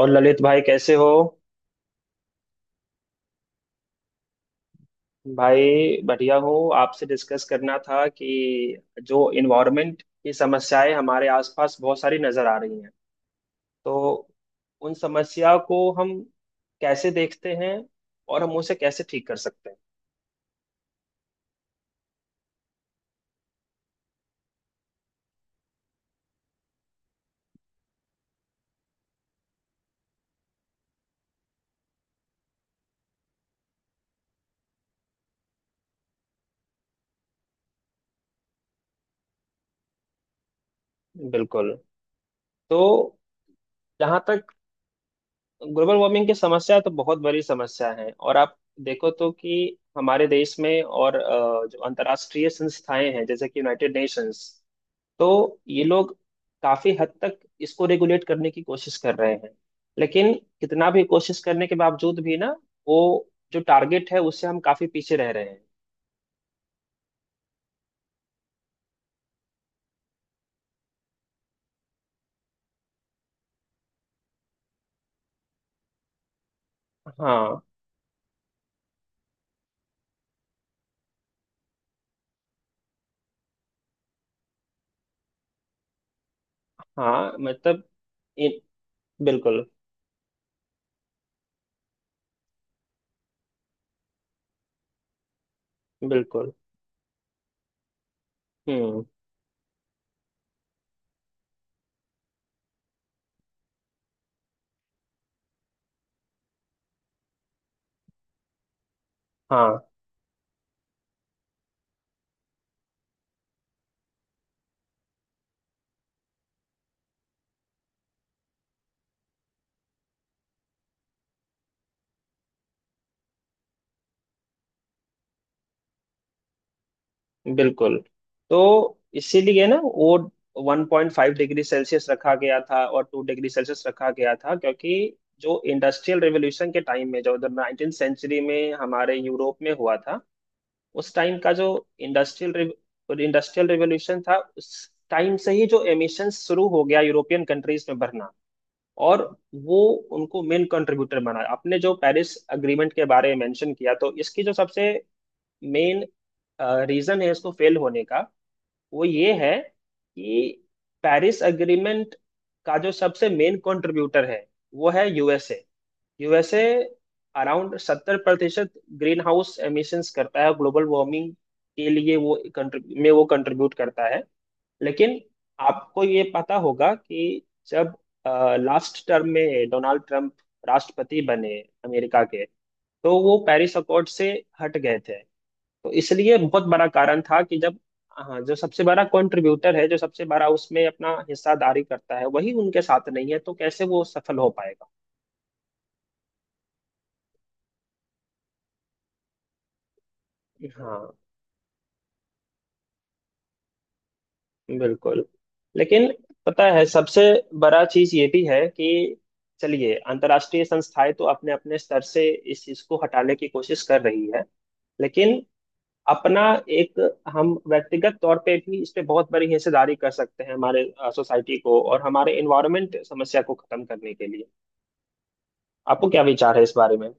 और ललित भाई कैसे हो। भाई बढ़िया हूँ। आपसे डिस्कस करना था कि जो इन्वायरमेंट की समस्याएं हमारे आसपास बहुत सारी नजर आ रही हैं, तो उन समस्या को हम कैसे देखते हैं और हम उसे कैसे ठीक कर सकते हैं। बिल्कुल। तो जहाँ तक ग्लोबल वार्मिंग की समस्या है, तो बहुत बड़ी समस्या है और आप देखो तो कि हमारे देश में और जो अंतर्राष्ट्रीय संस्थाएं हैं जैसे कि यूनाइटेड नेशंस, तो ये लोग काफी हद तक इसको रेगुलेट करने की कोशिश कर रहे हैं। लेकिन कितना भी कोशिश करने के बावजूद भी ना, वो जो टारगेट है उससे हम काफी पीछे रह रहे हैं। हाँ। हाँ मतलब इन- बिल्कुल। बिल्कुल। हम्म। हाँ बिल्कुल। तो इसीलिए ना वो 1.5 डिग्री सेल्सियस रखा गया था और 2 डिग्री सेल्सियस रखा गया था, क्योंकि जो इंडस्ट्रियल रेवोल्यूशन के टाइम में, जो उधर नाइनटीन सेंचुरी में हमारे यूरोप में हुआ था, उस टाइम का जो इंडस्ट्रियल इंडस्ट्रियल रेवोल्यूशन था, उस टाइम से ही जो एमिशन शुरू हो गया यूरोपियन कंट्रीज में भरना, और वो उनको मेन कंट्रीब्यूटर बना। आपने जो पेरिस अग्रीमेंट के बारे में मेंशन किया, तो इसकी जो सबसे मेन रीजन है इसको फेल होने का, वो ये है कि पेरिस एग्रीमेंट का जो सबसे मेन कंट्रीब्यूटर है, वो है USA. USA around 70% green house emissions करता है। ग्लोबल वार्मिंग के लिए वो कंट्री में वो कंट्रीब्यूट करता है। लेकिन आपको ये पता होगा कि जब लास्ट टर्म में डोनाल्ड ट्रंप राष्ट्रपति बने अमेरिका के, तो वो पेरिस अकॉर्ड से हट गए थे। तो इसलिए बहुत बड़ा कारण था कि जब, हाँ, जो सबसे बड़ा कंट्रीब्यूटर है, जो सबसे बड़ा उसमें अपना हिस्सादारी करता है, वही उनके साथ नहीं है, तो कैसे वो सफल हो पाएगा। हाँ बिल्कुल। लेकिन पता है सबसे बड़ा चीज ये भी है कि चलिए अंतर्राष्ट्रीय संस्थाएं तो अपने अपने स्तर से इस चीज को हटाने की कोशिश कर रही है, लेकिन अपना एक, हम व्यक्तिगत तौर पे भी इस पे बहुत बड़ी हिस्सेदारी कर सकते हैं हमारे सोसाइटी को और हमारे इन्वायरमेंट समस्या को खत्म करने के लिए। आपको क्या विचार है इस बारे में।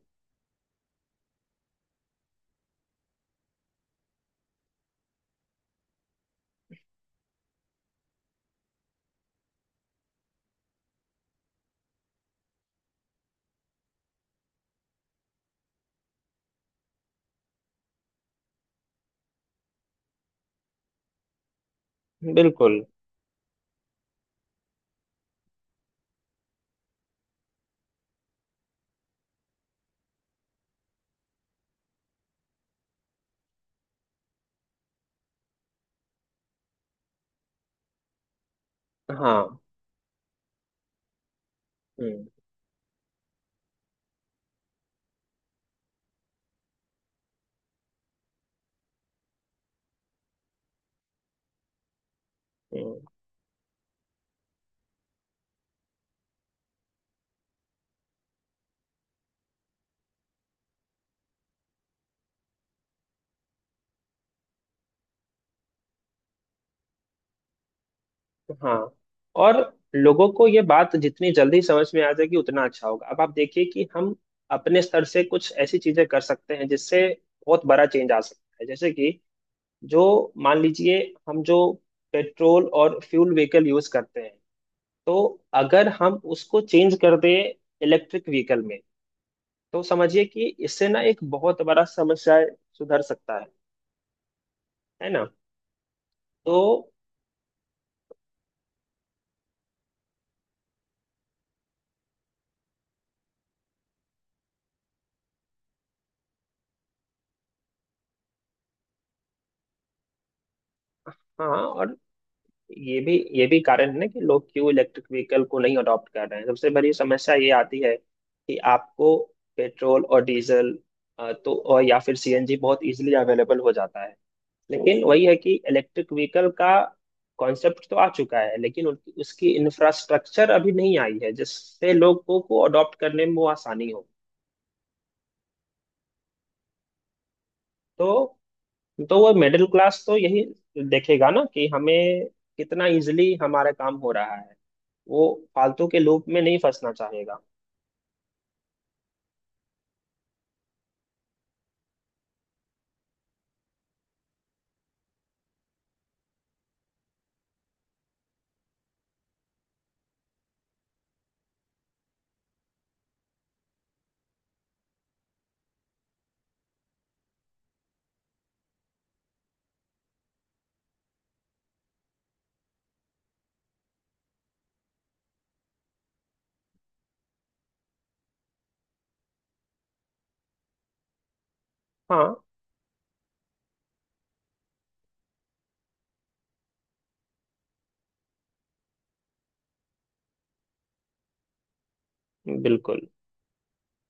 बिल्कुल। हाँ। हम्म। हम्म। हाँ और लोगों को ये बात जितनी जल्दी समझ में आ जाएगी उतना अच्छा होगा। अब आप देखिए कि हम अपने स्तर से कुछ ऐसी चीजें कर सकते हैं जिससे बहुत बड़ा चेंज आ सकता है। जैसे कि, जो, मान लीजिए, हम जो पेट्रोल और फ्यूल व्हीकल यूज करते हैं, तो अगर हम उसको चेंज कर दें इलेक्ट्रिक व्हीकल में, तो समझिए कि इससे ना एक बहुत बड़ा समस्या सुधर सकता है। है ना। तो हाँ। और ये भी कारण है ना कि लोग क्यों इलेक्ट्रिक व्हीकल को नहीं अडॉप्ट कर रहे हैं। सबसे बड़ी समस्या ये आती है कि आपको पेट्रोल और डीजल तो और या फिर सीएनजी बहुत इजीली अवेलेबल हो जाता है। लेकिन वही है कि इलेक्ट्रिक व्हीकल का कॉन्सेप्ट तो आ चुका है, लेकिन उनकी उसकी इंफ्रास्ट्रक्चर अभी नहीं आई है जिससे लोगों को अडॉप्ट करने में वो आसानी हो। तो तो वो मिडिल क्लास तो यही देखेगा ना कि हमें कितना इजिली हमारा काम हो रहा है। वो फालतू के लूप में नहीं फंसना चाहेगा। हाँ बिल्कुल।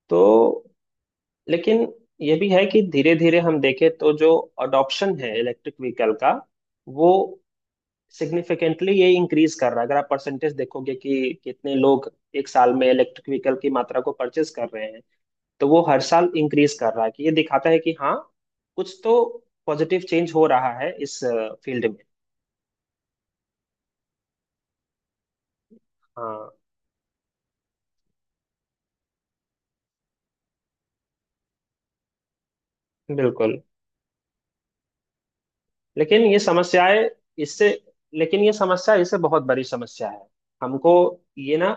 तो लेकिन ये भी है कि धीरे धीरे हम देखें तो जो अडॉप्शन है इलेक्ट्रिक व्हीकल का, वो सिग्निफिकेंटली ये इंक्रीज कर रहा है। अगर आप परसेंटेज देखोगे कि कितने लोग एक साल में इलेक्ट्रिक व्हीकल की मात्रा को परचेज कर रहे हैं, तो वो हर साल इंक्रीज कर रहा है। कि ये दिखाता है कि हाँ कुछ तो पॉजिटिव चेंज हो रहा है इस फील्ड में। हाँ बिल्कुल। लेकिन ये समस्याएं इससे लेकिन ये समस्या इससे बहुत बड़ी समस्या है हमको। ये ना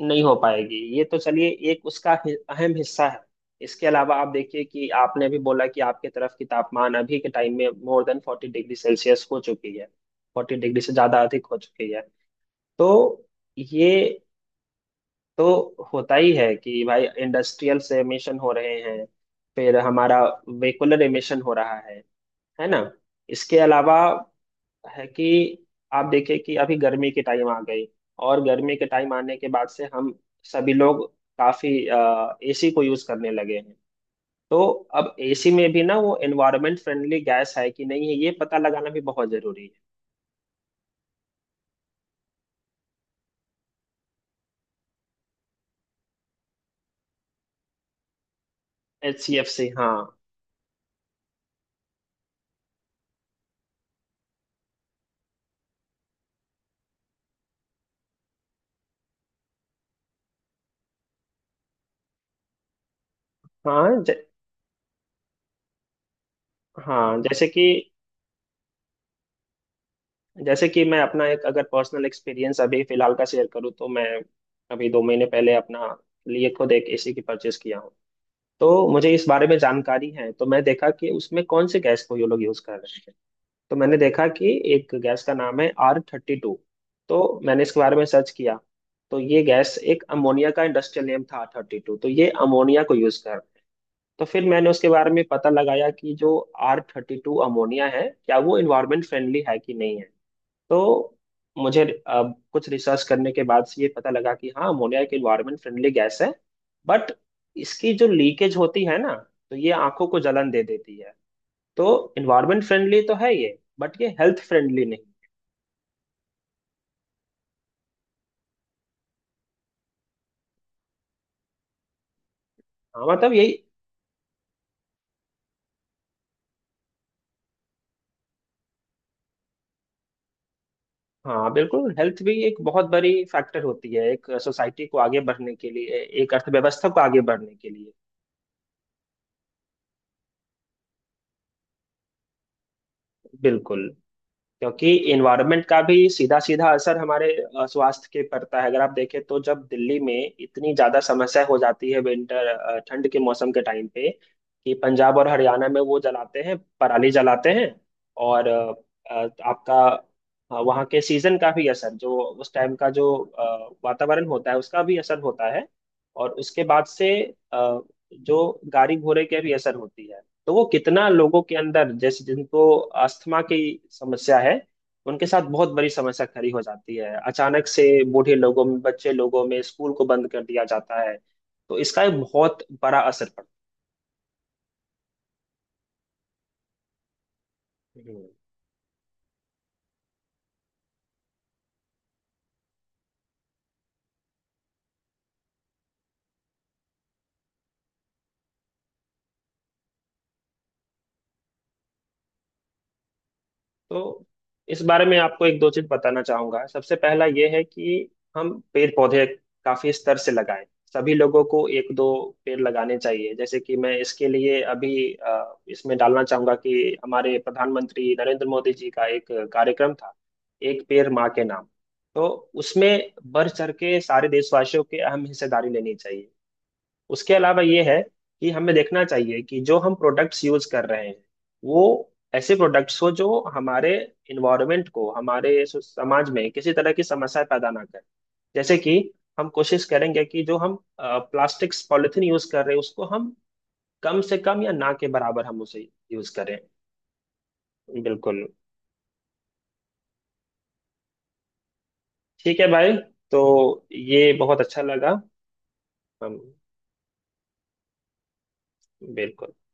नहीं हो पाएगी। ये तो चलिए एक उसका अहम हिस्सा है। इसके अलावा आप देखिए कि आपने भी बोला कि आपके तरफ की तापमान अभी के टाइम में more than forty degree Celsius हो चुकी है। फोर्टी डिग्री से ज्यादा अधिक हो चुकी है। तो ये तो होता ही है कि भाई इंडस्ट्रियल से एमिशन हो रहे हैं, फिर हमारा वेहिकुलर एमिशन हो रहा है। है ना। इसके अलावा है कि आप देखिए कि अभी गर्मी की टाइम आ गई, और गर्मी के टाइम आने के बाद से हम सभी लोग काफी एसी को यूज करने लगे हैं। तो अब एसी में भी ना वो एनवायरमेंट फ्रेंडली गैस है कि नहीं है, ये पता लगाना भी बहुत जरूरी है। एच सी एफ सी, हाँ। हाँ ज, हाँ जैसे कि, जैसे कि मैं अपना एक अगर पर्सनल एक्सपीरियंस अभी फिलहाल का शेयर करूँ, तो मैं अभी 2 महीने पहले अपना लिए खुद एक एसी की परचेस किया हूँ। तो मुझे इस बारे में जानकारी है। तो मैं देखा कि उसमें कौन से गैस को ये लोग यूज़ कर रहे हैं। तो मैंने देखा कि एक गैस का नाम है आर थर्टी टू। तो मैंने इसके बारे में सर्च किया, तो ये गैस एक अमोनिया का इंडस्ट्रियल नेम था। आर थर्टी टू, तो ये अमोनिया को यूज़ कर रहे हैं। तो फिर मैंने उसके बारे में पता लगाया कि जो आर थर्टी टू अमोनिया है, क्या वो इन्वायरमेंट फ्रेंडली है कि नहीं है। तो मुझे अब कुछ रिसर्च करने के बाद से ये पता लगा कि हाँ, अमोनिया एक इन्वायरमेंट फ्रेंडली गैस है। बट इसकी जो लीकेज होती है ना, तो ये आंखों को जलन दे देती है। तो इन्वायरमेंट फ्रेंडली तो है ये, बट ये हेल्थ फ्रेंडली नहीं। हाँ मतलब यही। हाँ बिल्कुल। हेल्थ भी एक बहुत बड़ी फैक्टर होती है एक सोसाइटी को आगे बढ़ने के लिए, एक अर्थव्यवस्था को आगे बढ़ने के लिए। बिल्कुल। क्योंकि इन्वायरमेंट का भी सीधा सीधा असर हमारे स्वास्थ्य के पड़ता है। अगर आप देखें तो जब दिल्ली में इतनी ज्यादा समस्या हो जाती है विंटर, ठंड के मौसम के टाइम पे, कि पंजाब और हरियाणा में वो जलाते हैं, पराली जलाते हैं, और अ, आपका वहाँ के सीजन का भी असर, जो उस टाइम का जो वातावरण होता है, उसका भी असर होता है। और उसके बाद से अ, जो गाड़ी घोड़े के भी असर होती है, तो वो कितना लोगों के अंदर, जैसे जिनको अस्थमा की समस्या है, उनके साथ बहुत बड़ी समस्या खड़ी हो जाती है अचानक से। बूढ़े लोगों में, बच्चे लोगों में, स्कूल को बंद कर दिया जाता है। तो इसका एक बहुत बड़ा असर पड़ता है। तो इस बारे में आपको एक दो चीज बताना चाहूंगा। सबसे पहला ये है कि हम पेड़ पौधे काफी स्तर से लगाएं। सभी लोगों को एक दो पेड़ लगाने चाहिए। जैसे कि मैं इसके लिए अभी इसमें डालना चाहूंगा कि हमारे प्रधानमंत्री नरेंद्र मोदी जी का एक कार्यक्रम था, एक पेड़ माँ के नाम। तो उसमें बढ़ चढ़ के सारे देशवासियों की अहम हिस्सेदारी लेनी चाहिए। उसके अलावा ये है कि हमें देखना चाहिए कि जो हम प्रोडक्ट्स यूज कर रहे हैं, वो ऐसे प्रोडक्ट्स हो जो हमारे इन्वायरमेंट को, हमारे समाज में किसी तरह की समस्या पैदा ना करें। जैसे कि हम कोशिश करेंगे कि जो हम प्लास्टिक्स पॉलिथीन यूज कर रहे हैं, उसको हम कम से कम या ना के बराबर हम उसे यूज करें। बिल्कुल। ठीक है भाई। तो ये बहुत अच्छा लगा। हम बिल्कुल।